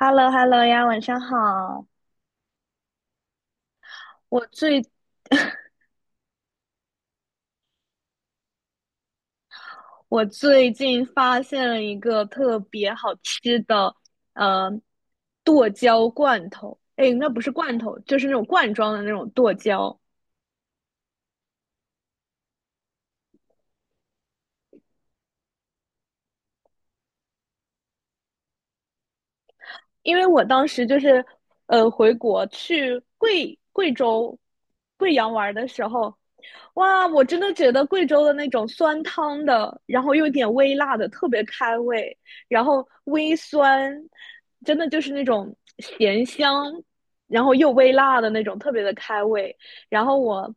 h e l l o h e l l o 呀，晚上好。我最我最近发现了一个特别好吃的，呃，剁椒罐头。哎，那不是罐头，就是那种罐装的那种剁椒。因为我当时就是回国去贵州贵阳玩的时候，哇，我真的觉得贵州的那种酸汤的，然后又有点微辣的，特别开胃，然后微酸，真的就是那种咸香，然后又微辣的那种，特别的开胃。然后我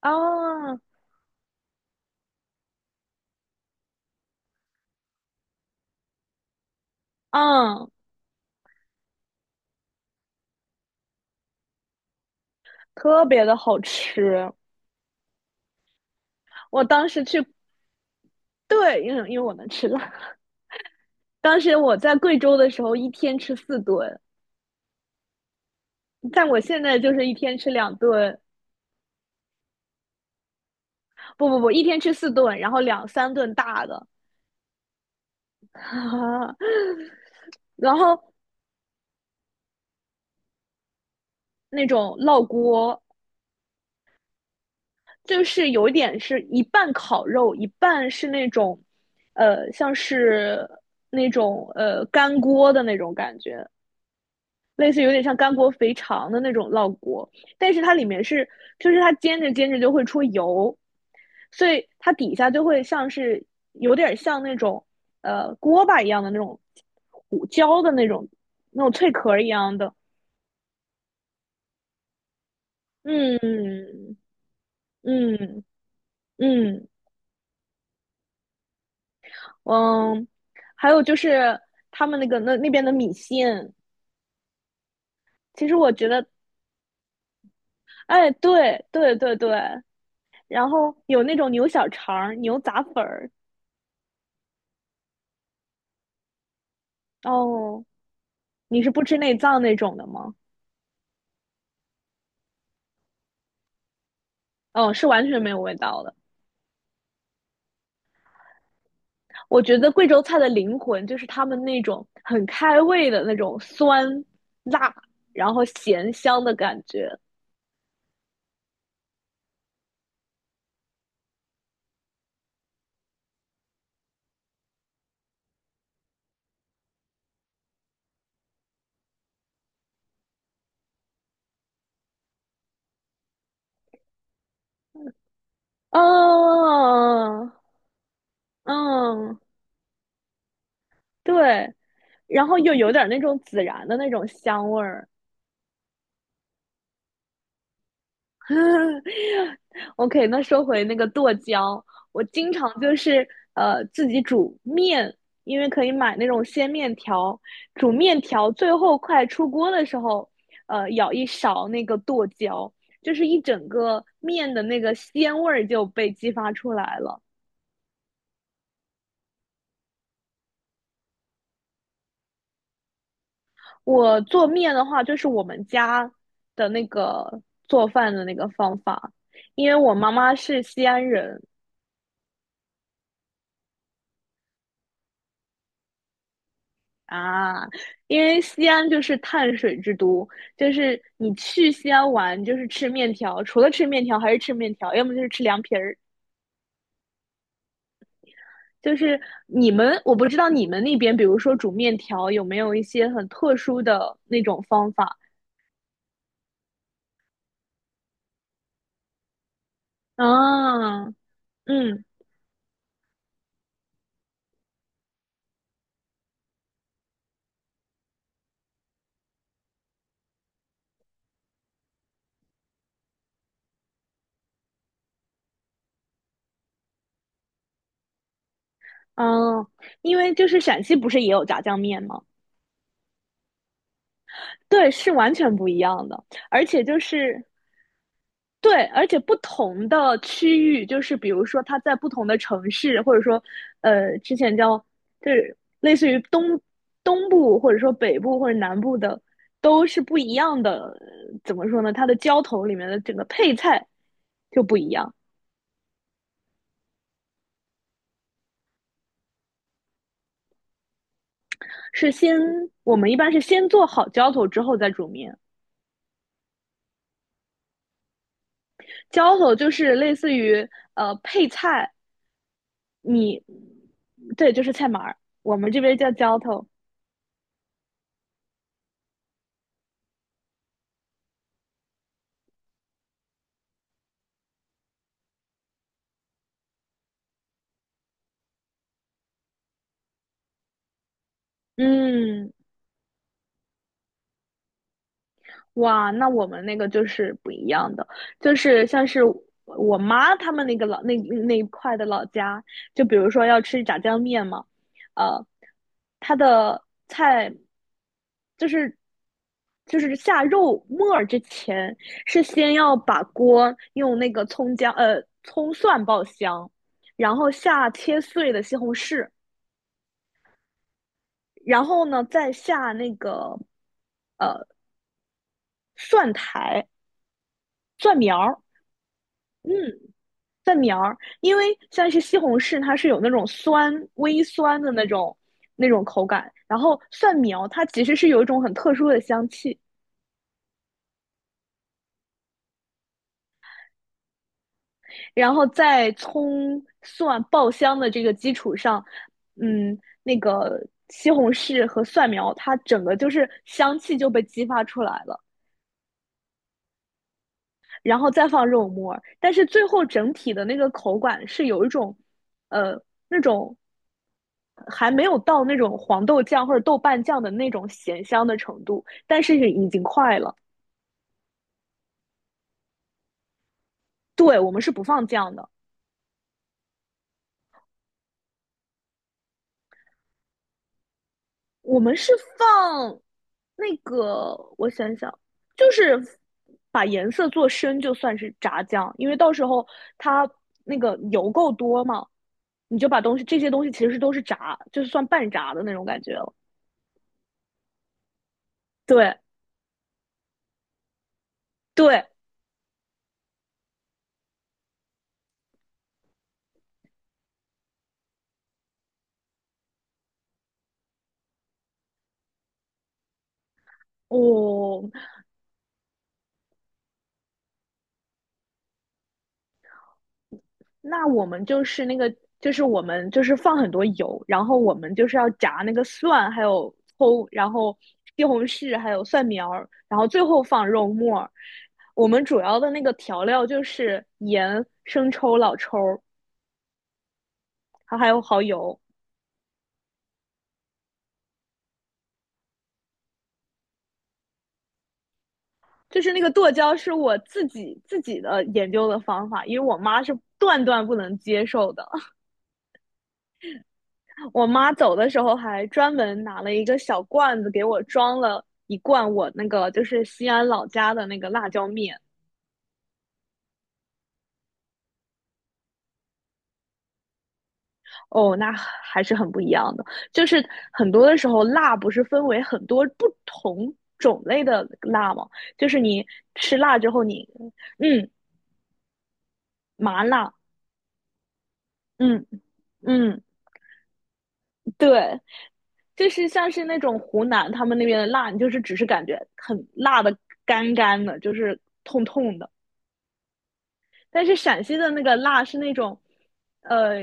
啊，啊，特别的好吃。我当时去，对，因为我能吃辣，当时我在贵州的时候，一天吃四顿，但我现在就是一天吃两顿，不不不，一天吃四顿，然后两三顿大的，然后那种烙锅，就是有一点是一半烤肉，一半是那种，像是那种干锅的那种感觉，类似有点像干锅肥肠的那种烙锅，但是它里面是，就是它煎着煎着就会出油，所以它底下就会像是有点像那种锅巴一样的那种糊焦的那种脆壳一样的，嗯。嗯嗯嗯，还有就是他们那个那边的米线，其实我觉得，哎，对对对对，然后有那种牛小肠儿、牛杂粉儿，哦。你是不吃内脏那种的吗？嗯，是完全没有味道的。我觉得贵州菜的灵魂就是他们那种很开胃的那种酸、辣，然后咸香的感觉。嗯。嗯，对，然后又有点那种孜然的那种香味儿。OK,那说回那个剁椒，我经常就是自己煮面，因为可以买那种鲜面条，煮面条最后快出锅的时候，舀一勺那个剁椒，就是一整个面的那个鲜味儿就被激发出来了。我做面的话，就是我们家的那个做饭的那个方法，因为我妈妈是西安人。啊，因为西安就是碳水之都，就是你去西安玩就是吃面条，除了吃面条还是吃面条，要么就是吃凉皮儿。就是你们，我不知道你们那边，比如说煮面条有没有一些很特殊的那种方法啊？嗯。嗯，因为就是陕西不是也有炸酱面吗？对，是完全不一样的，而且就是对，而且不同的区域，就是比如说它在不同的城市，或者说，之前叫就是类似于东部，或者说北部或者南部的，都是不一样的。怎么说呢？它的浇头里面的整个配菜就不一样。是先我们一般是先做好浇头之后再煮面。浇头就是类似于配菜，你对，就是菜码儿，我们这边叫浇头。嗯。哇，那我们那个就是不一样的，就是像是我妈他们那个老那那一块的老家，就比如说要吃炸酱面嘛，呃，它的菜就是就是下肉末儿之前，是先要把锅用那个葱蒜爆香，然后下切碎的西红柿，然后呢再下那个蒜苔蒜苗儿，嗯，蒜苗儿，因为像是西红柿，它是有那种酸、微酸的那种口感。然后蒜苗它其实是有一种很特殊的香气，然后在葱蒜爆香的这个基础上，嗯，那个西红柿和蒜苗它整个就是香气就被激发出来了，然后再放肉末儿。但是最后整体的那个口感是有一种，呃，那种还没有到那种黄豆酱或者豆瓣酱的那种咸香的程度，但是已经快了。对，我们是不放酱的。我们是放那个，我想想，就是把颜色做深，就算是炸酱，因为到时候它那个油够多嘛，你就把这些东西其实都是炸，就是算半炸的那种感觉了。对对，哦，那我们就是那个，就是我们就是放很多油，然后我们就是要炸那个蒜，还有葱，然后西红柿，还有蒜苗，然后最后放肉末。我们主要的那个调料就是盐、生抽、老抽儿，还有蚝油。就是那个剁椒是我自己研究的方法，因为我妈是断断不能接受的。我妈走的时候还专门拿了一个小罐子给我装了一罐我那个就是西安老家的那个辣椒面。哦，那还是很不一样的。就是很多的时候，辣不是分为很多不同种类的辣吗？就是你吃辣之后你，嗯，麻辣，嗯。嗯，对，就是像是那种湖南他们那边的辣，你就是只是感觉很辣的干干的，就是痛痛的。但是陕西的那个辣是那种，呃，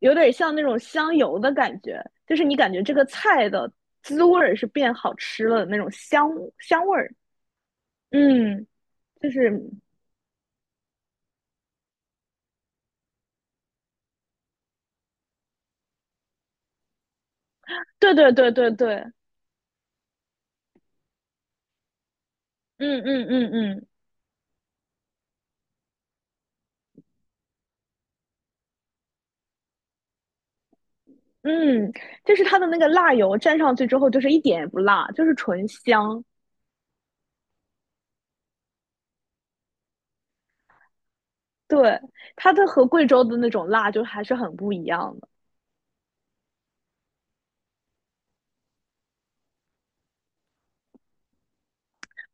有点像那种香油的感觉，就是你感觉这个菜的滋味儿是变好吃了的那种香味儿。嗯，就是对对对对对，嗯。嗯嗯嗯，嗯，就是它的那个辣油蘸上去之后，就是一点也不辣，就是纯香。对，它的和贵州的那种辣就还是很不一样的。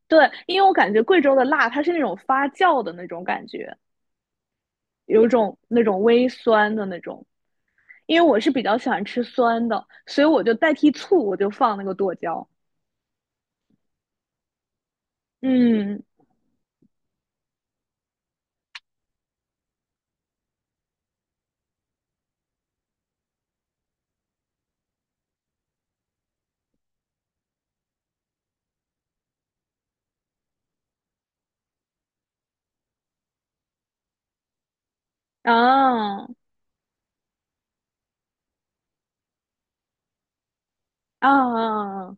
对，因为我感觉贵州的辣它是那种发酵的那种感觉，有种那种微酸的那种。因为我是比较喜欢吃酸的，所以我就代替醋，我就放那个剁椒。嗯，啊，啊，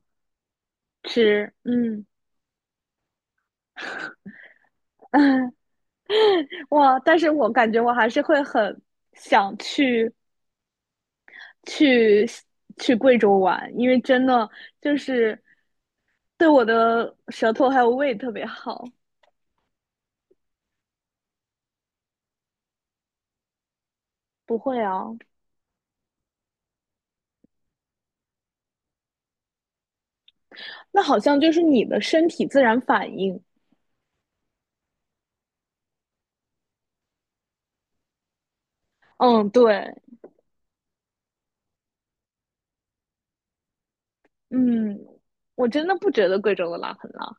吃，嗯。哇！但是我感觉我还是会很想去去贵州玩，因为真的就是对我的舌头还有胃特别好。不会啊，那好像就是你的身体自然反应。嗯，对，嗯，我真的不觉得贵州的辣很辣。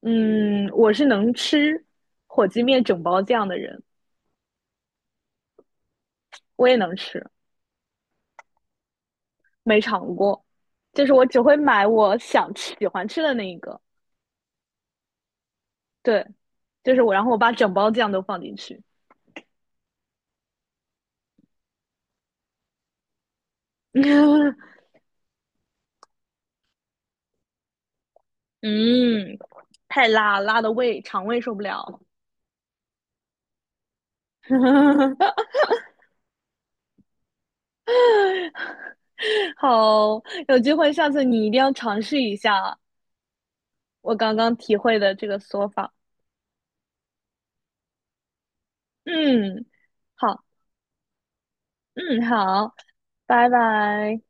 嗯，我是能吃火鸡面整包酱的人，我也能吃，没尝过，就是我只会买我想吃喜欢吃的那一个。对，就是我，然后我把整包酱都放进去。嗯，太辣，辣的肠胃受不了。好，有机会下次你一定要尝试一下我刚刚体会的这个说法。嗯，好，嗯，好，拜拜。